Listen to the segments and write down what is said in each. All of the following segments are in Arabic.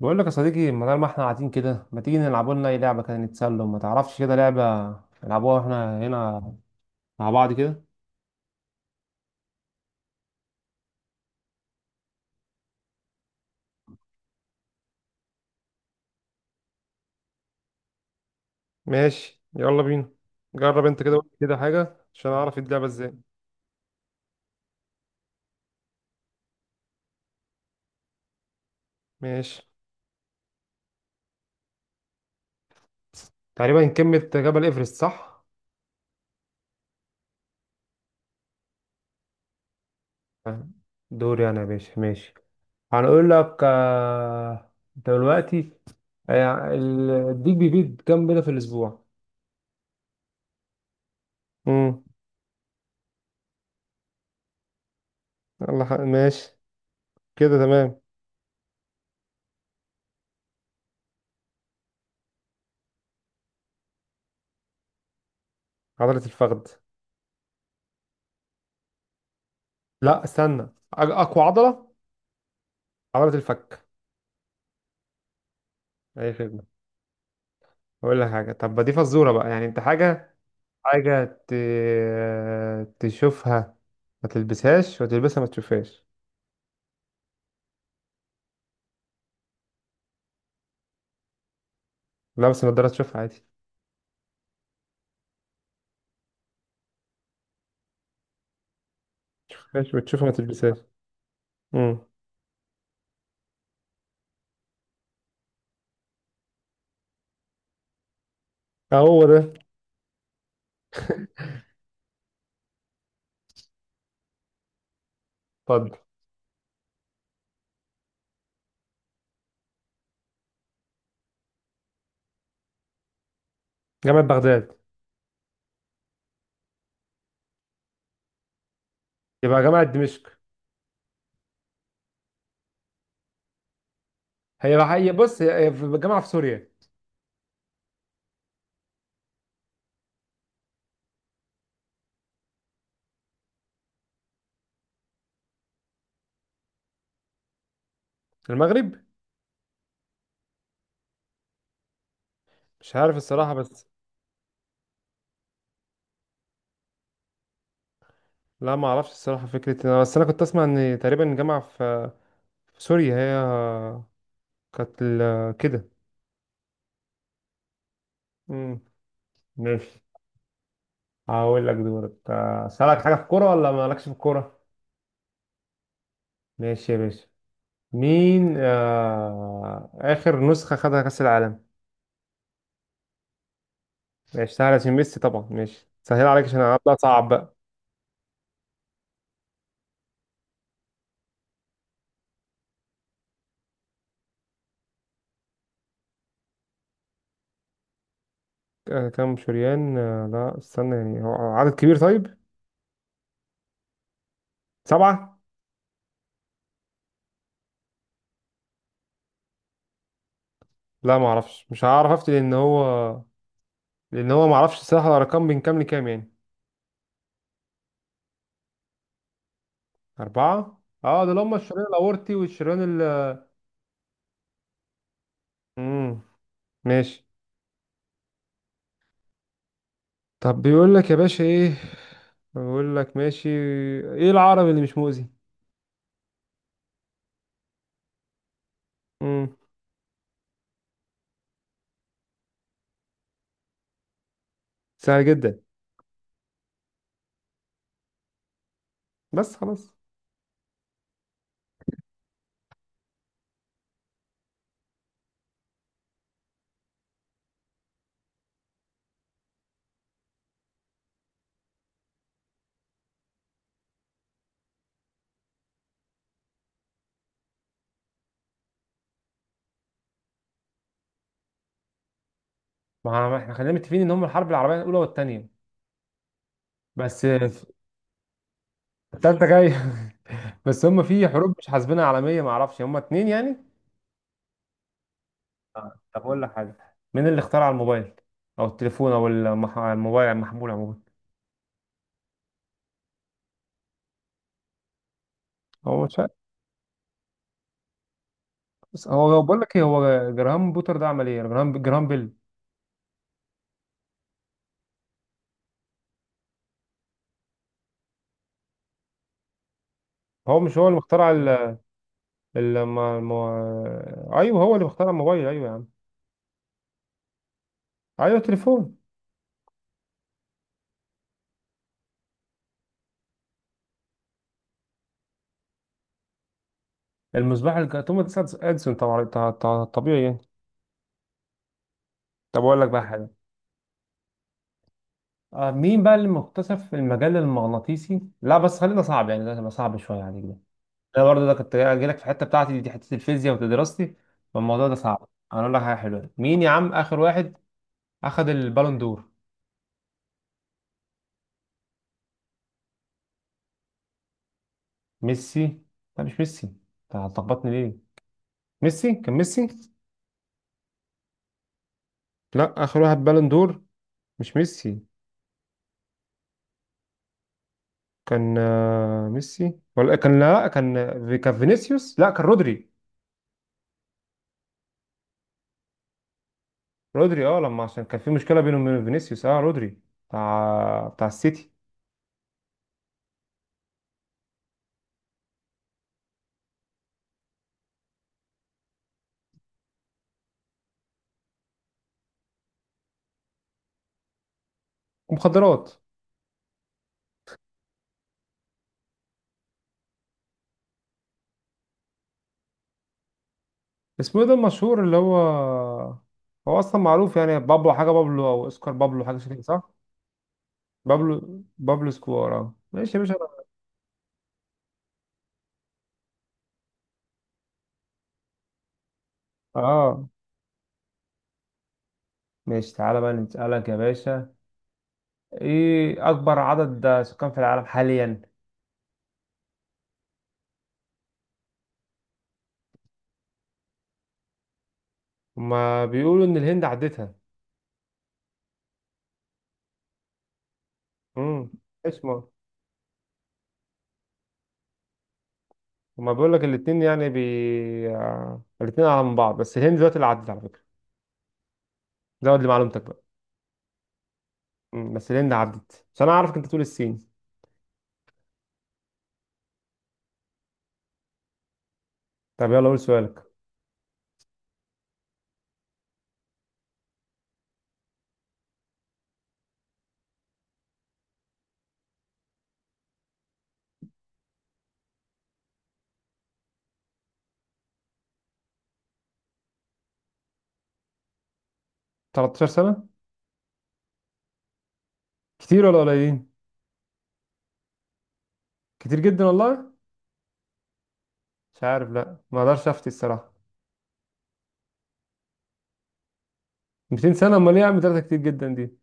بقول لك يا صديقي، بدل ما احنا قاعدين كده ما تيجي نلعبوا لنا اي لعبه كده نتسلى؟ ما تعرفش كده لعبه نلعبوها احنا هنا مع بعض كده؟ ماشي، يلا بينا. جرب انت كده، قول كده حاجة عشان اعرف اللعبة ازاي. ماشي. تقريبا قمه جبل ايفرست، صح؟ دوري انا يا باشا، ماشي. هنقول لك دلوقتي الديك بيبيض كام بيضه في الاسبوع؟ امم يلا، ماشي، كده تمام. عضلة الفخذ. لا، استنى. اقوى عضله عضلة الفك. أي خدمة. أقول لك حاجة. طب ما دي فزورة بقى، يعني أنت حاجة حاجة تشوفها، ما تلبسهاش، وتلبسها ما تشوفهاش. لابس النضارة تشوفها عادي. تشوفهاش وتشوفها ما تلبسهاش. امم هو ده. اتفضل. جامعة بغداد. يبقى جامعة دمشق. هي هي بص، هي في جامعة في سوريا. المغرب. مش عارف الصراحة، بس لا، ما اعرفش الصراحة. فكرة إن أنا، بس أنا كنت أسمع إن تقريبا جامعة في في سوريا هي كانت كده. امم ماشي. هقول لك دورك. أسألك حاجة في الكورة ولا مالكش في الكورة؟ ماشي يا باشا. مين آخر نسخة خدها كأس العالم؟ ماشي سهل عشان ميسي طبعا، ماشي سهل عليك عشان هبدأ صعب بقى. كام شريان؟ لا استنى، يعني هو عدد كبير طيب؟ سبعة؟ لا معرفش، مش هعرف أفتي لأن هو لأن هو معرفش الصراحة الأرقام من كام لكام يعني. أربعة؟ اه، دول هما الشريان الأورطي والشريان ال مم. ماشي. طب بيقول لك يا باشا ايه، بيقول لك ماشي، ايه العربي اللي مش مؤذي؟ امم سهل جدا. بس خلاص، ما احنا خلينا متفقين ان هم الحرب العربيه الاولى والثانيه بس. الثالثه جايه. بس هم في حروب مش حاسبينها عالميه، ما اعرفش، هم اتنين يعني. طب اقول لك حاجه، مين اللي اخترع الموبايل او التليفون او الموبايل المحمول عموما؟ هو مش عارف. بس هو بقول لك ايه، هو جراهام بوتر ده عمل ايه؟ جراهام بيل. هو مش هو اللي اخترع الم... الم... ايوه، هو اللي اخترع الموبايل، ايوه يا عم. ايوه تليفون. توماس اديسون طبعا، طبيعي يعني. طب اقول لك بقى حاجه. مين بقى اللي مكتشف المجال المغناطيسي؟ لا بس خلينا صعب يعني، ده هيبقى صعب شويه عليك ده. انا برضه ده كنت جاي لك في الحته بتاعتي دي، حته الفيزياء ودراستي، فالموضوع ده صعب. انا اقول لك حاجه حلوه، مين يا عم اخر واحد اخذ البالون دور؟ ميسي. لا مش ميسي، انت هتلخبطني ليه، ميسي كان ميسي. لا، اخر واحد بالون دور مش ميسي. كان ميسي، ولا كان، لا كان فينيسيوس، لا كان رودري. رودري اه، لما عشان كان في مشكله بينه وبين فينيسيوس، اه رودري بتاع السيتي. ومخدرات. اسمه ايه ده المشهور اللي هو، هو اصلا معروف يعني، بابلو حاجه، بابلو او اسكار، بابلو حاجه شكل، صح؟ بابلو سكوار، اه ماشي يا باشا. اه ماشي، تعالى بقى نسألك يا باشا. ايه اكبر عدد سكان في العالم حاليا؟ هما بيقولوا ان الهند عدتها. امم ايش؟ هما بيقول لك الاتنين يعني بي، الاتنين اعلى من بعض، بس الهند دلوقتي اللي عدت على فكرة، زود لمعلومتك بقى. بس الهند عدت، بس انا عارفك انت تقول الصين. طب يلا قول سؤالك. 13 سنة. كتير ولا قليلين؟ كتير جدا والله؟ مش عارف، لا ما اقدرش افتي الصراحة. 200 سنة؟ امال ايه يا عم، 3 كتير جدا دي؟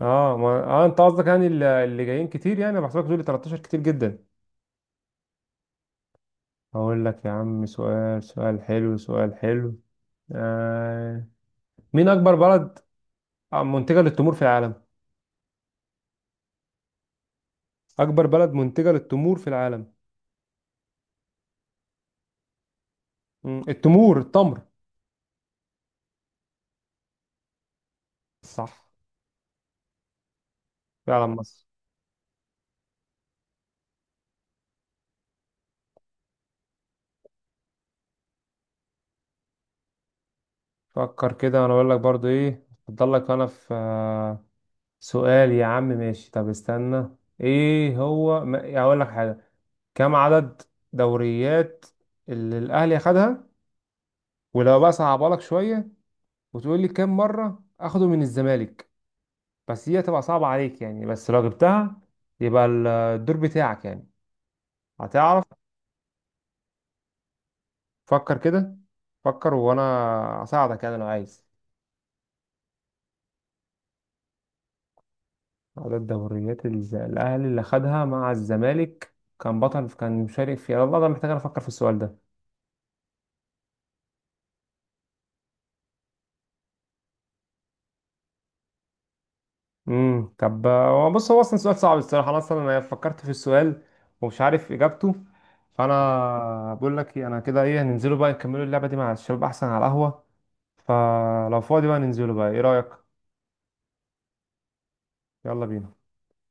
اه ما... اه، انت قصدك يعني اللي جايين كتير، يعني أنا بحسبك تقول لي 13 كتير جدا. هقول لك يا عم سؤال، سؤال حلو، سؤال حلو، آه... مين اكبر بلد منتجة للتمور في العالم؟ أكبر بلد منتجة للتمور في العالم. التمور، التمر. صح، فعلا مصر. فكر كده، أنا أقول لك برضو إيه أفضل لك. أنا في سؤال يا عم، ماشي، طب استنى، إيه هو ما... أقول لك حاجة. كم عدد دوريات اللي الأهلي أخدها؟ ولو بقى صعبها لك شوية، وتقول لي كم مرة أخده من الزمالك. بس هي تبقى صعبة عليك يعني، بس لو جبتها يبقى الدور بتاعك يعني، هتعرف. فكر كده، فكر وانا اساعدك يعني لو عايز. عدد دوريات الاهلي اللي خدها مع الزمالك، كان بطل، كان مشارك فيها، والله ده محتاج أنا افكر في السؤال ده. طب هو بص، هو اصلا سؤال صعب الصراحه، انا اصلا فكرت في السؤال ومش عارف اجابته. فانا بقول لك إيه، انا كده ايه، هننزلوا بقى نكملوا اللعبه دي مع الشباب احسن على القهوه. فلو فاضي بقى ننزلوا بقى، ايه رايك؟ يلا بينا.